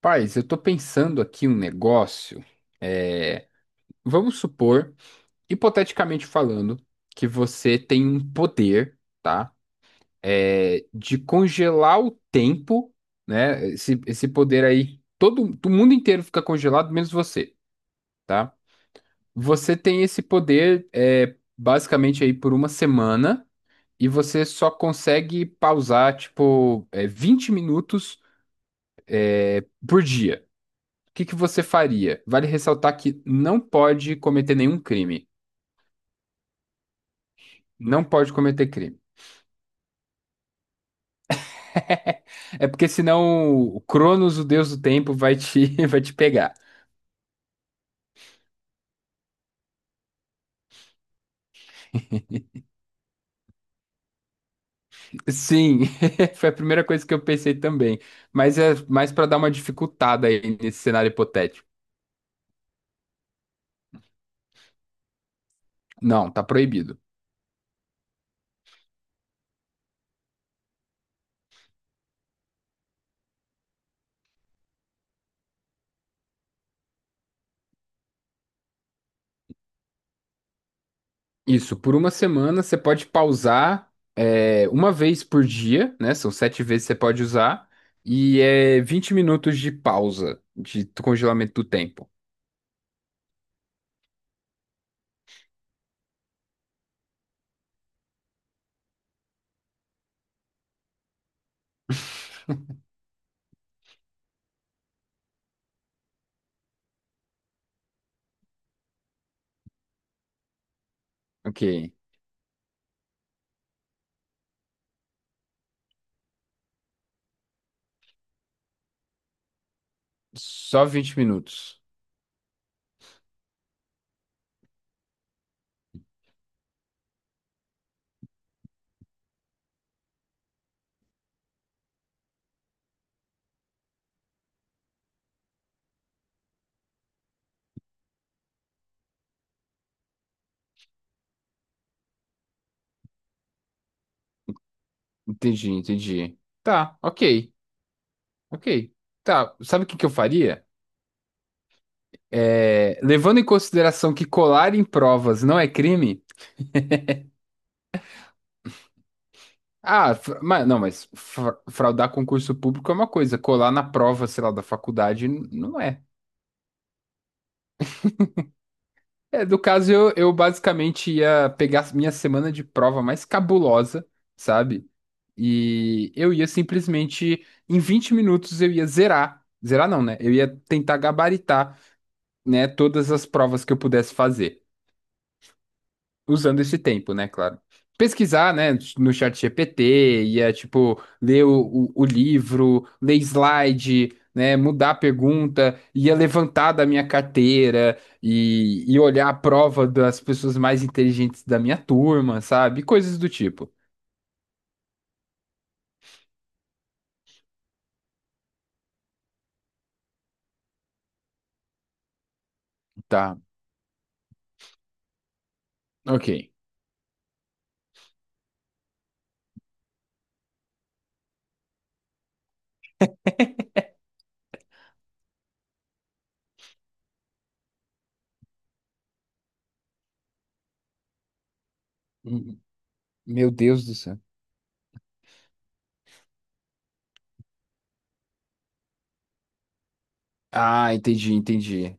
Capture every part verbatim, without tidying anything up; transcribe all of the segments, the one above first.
Paz, eu tô pensando aqui um negócio. É, vamos supor, hipoteticamente falando, que você tem um poder, tá? É, de congelar o tempo, né? Esse, esse poder aí, todo o mundo inteiro fica congelado, menos você, tá? Você tem esse poder, é, basicamente aí por uma semana e você só consegue pausar, tipo, é, vinte minutos por dia. O que que você faria? Vale ressaltar que não pode cometer nenhum crime. Não pode cometer crime. É porque senão o Cronos, o deus do tempo, vai te, vai te pegar. Sim, foi a primeira coisa que eu pensei também. Mas é mais para dar uma dificultada aí nesse cenário hipotético. Não, tá proibido. Isso, por uma semana você pode pausar é, uma vez por dia, né? São sete vezes que você pode usar. E é vinte minutos de pausa, de congelamento do tempo. Ok. Só vinte minutos. Entendi, entendi. Tá, ok, ok. Tá, sabe o que que eu faria? É, levando em consideração que colar em provas não é crime. Ah, fra- mas, não, mas fra- fraudar concurso público é uma coisa, colar na prova, sei lá, da faculdade n- não é. É, do caso, eu, eu basicamente ia pegar minha semana de prova mais cabulosa, sabe? E eu ia simplesmente, em vinte minutos, eu ia zerar. Zerar não, né? Eu ia tentar gabaritar, né, todas as provas que eu pudesse fazer, usando esse tempo, né, claro. Pesquisar, né, no chat G P T, ia, tipo, ler o, o, o livro, ler slide, né, mudar a pergunta, ia levantar da minha carteira e, e olhar a prova das pessoas mais inteligentes da minha turma, sabe? Coisas do tipo. Tá, ok. Hum, Meu Deus do céu. Ah, entendi, entendi.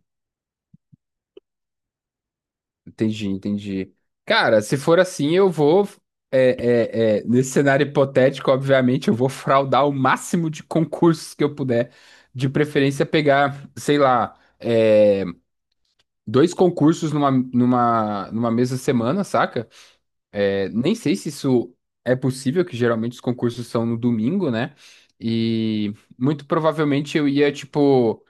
Entendi, entendi. Cara, se for assim, eu vou. É, é, é, nesse cenário hipotético, obviamente, eu vou fraudar o máximo de concursos que eu puder. De preferência, pegar, sei lá, é, dois concursos numa, numa, numa mesma semana, saca? É, nem sei se isso é possível, que geralmente os concursos são no domingo, né? E muito provavelmente eu ia, tipo,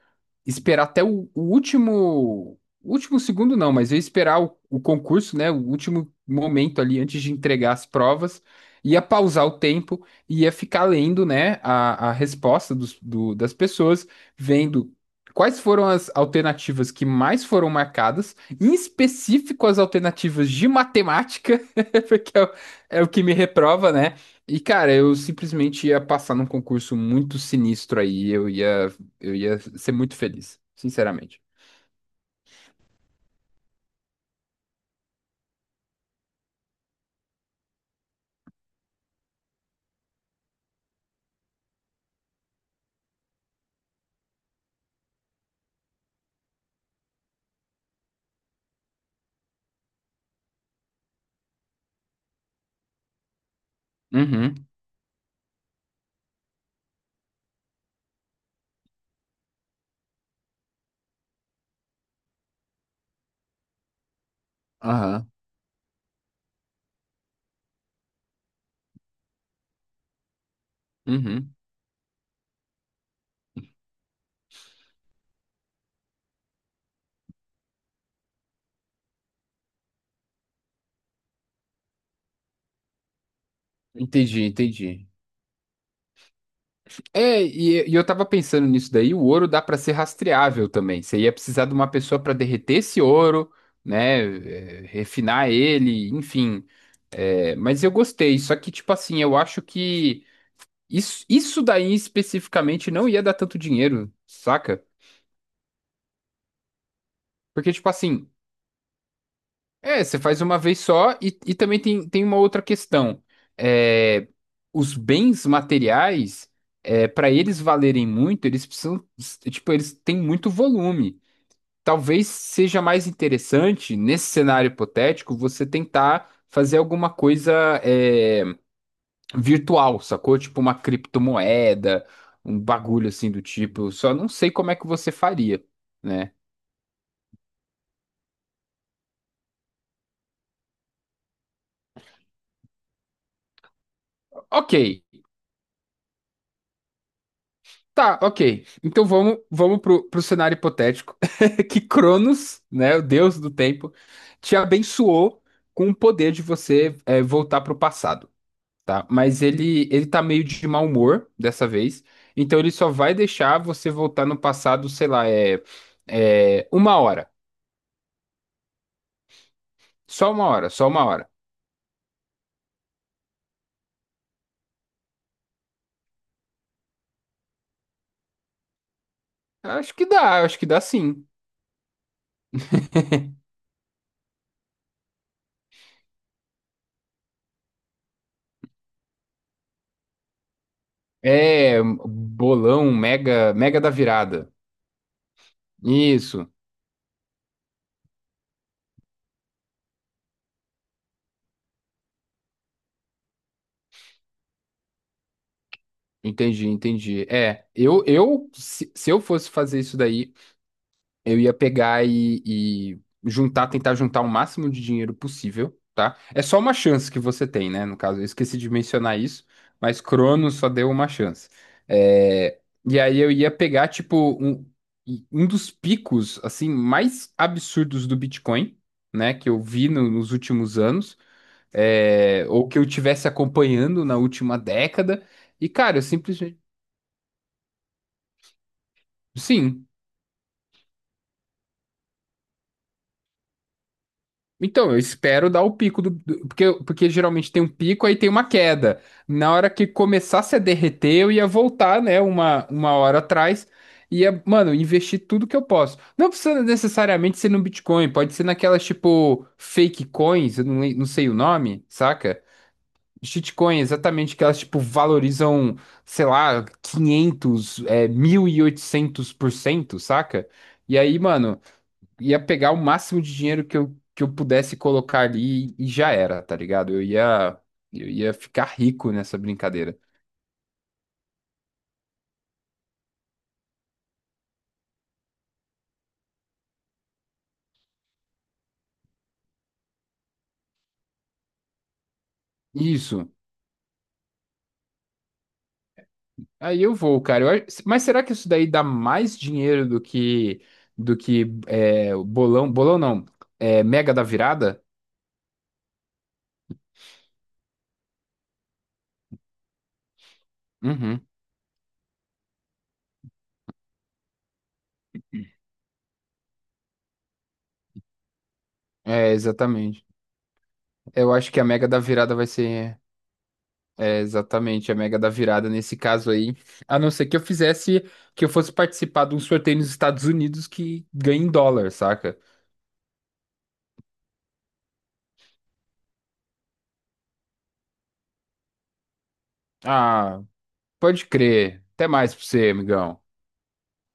esperar até o, o último, o último segundo não, mas eu ia esperar o, o concurso, né, o último momento ali antes de entregar as provas, ia pausar o tempo, ia ficar lendo, né, a, a resposta dos, do- das pessoas, vendo quais foram as alternativas que mais foram marcadas, em específico as alternativas de matemática, porque é o, é o que me reprova, né? E, cara, eu simplesmente ia passar num concurso muito sinistro aí, eu ia eu ia ser muito feliz, sinceramente. Uhum, aham, uhum. Entendi, entendi. É, e, e eu tava pensando nisso daí, o ouro dá pra ser rastreável também. Você ia precisar de uma pessoa pra derreter esse ouro, né, é, refinar ele, enfim. É, mas eu gostei, só que tipo assim, eu acho que isso, isso daí especificamente não ia dar tanto dinheiro, saca? Porque tipo assim, é, você faz uma vez só e, e também tem, tem uma outra questão. É, os bens materiais, é, para eles valerem muito, eles precisam, tipo, eles têm muito volume. Talvez seja mais interessante, nesse cenário hipotético, você tentar fazer alguma coisa, é, virtual, sacou? Tipo uma criptomoeda, um bagulho assim do tipo. Só não sei como é que você faria, né? Ok. Tá, ok. Então vamos, vamos pro, pro cenário hipotético que Cronos, né, o deus do tempo, te abençoou com o poder de você, é, voltar pro passado, tá? Mas ele ele tá meio de mau humor dessa vez, então ele só vai deixar você voltar no passado, sei lá, é, é uma hora, só uma hora, só uma hora. Acho que dá, acho que dá sim. É um bolão, mega, Mega da Virada. Isso. Entendi, entendi. É, eu, eu se, se eu fosse fazer isso daí, eu ia pegar e, e juntar, tentar juntar o máximo de dinheiro possível, tá? É só uma chance que você tem, né? No caso, eu esqueci de mencionar isso, mas Cronos só deu uma chance. É, e aí eu ia pegar, tipo, um, um dos picos, assim, mais absurdos do Bitcoin, né? Que eu vi no- nos últimos anos, é, ou que eu tivesse acompanhando na última década. E, cara, eu simplesmente. Sim. Então, eu espero dar o pico do, do-, porque, porque geralmente tem um pico, aí tem uma queda. Na hora que começasse a derreter, eu ia voltar, né, uma, uma hora atrás, ia, mano, investir tudo que eu posso. Não precisa necessariamente ser no Bitcoin, pode ser naquelas, tipo, fake coins, eu não, le- não sei o nome, saca? Shitcoin, exatamente, que elas, tipo, valorizam, sei lá, quinhentos, é, mil e oitocentos por cento, saca? E aí, mano, ia pegar o máximo de dinheiro que eu, que eu pudesse colocar ali e já era, tá ligado? Eu ia, eu ia ficar rico nessa brincadeira. Isso. Aí eu vou, cara. Eu acho, mas será que isso daí dá mais dinheiro do que do que é, o bolão? Bolão não. É, Mega da Virada? Uhum. É, exatamente. Eu acho que a Mega da Virada vai ser. É, exatamente, a Mega da Virada nesse caso aí. A não ser que eu fizesse, que eu fosse participar de um sorteio nos Estados Unidos que ganha em dólar, saca? Ah, pode crer. Até mais pra você, amigão.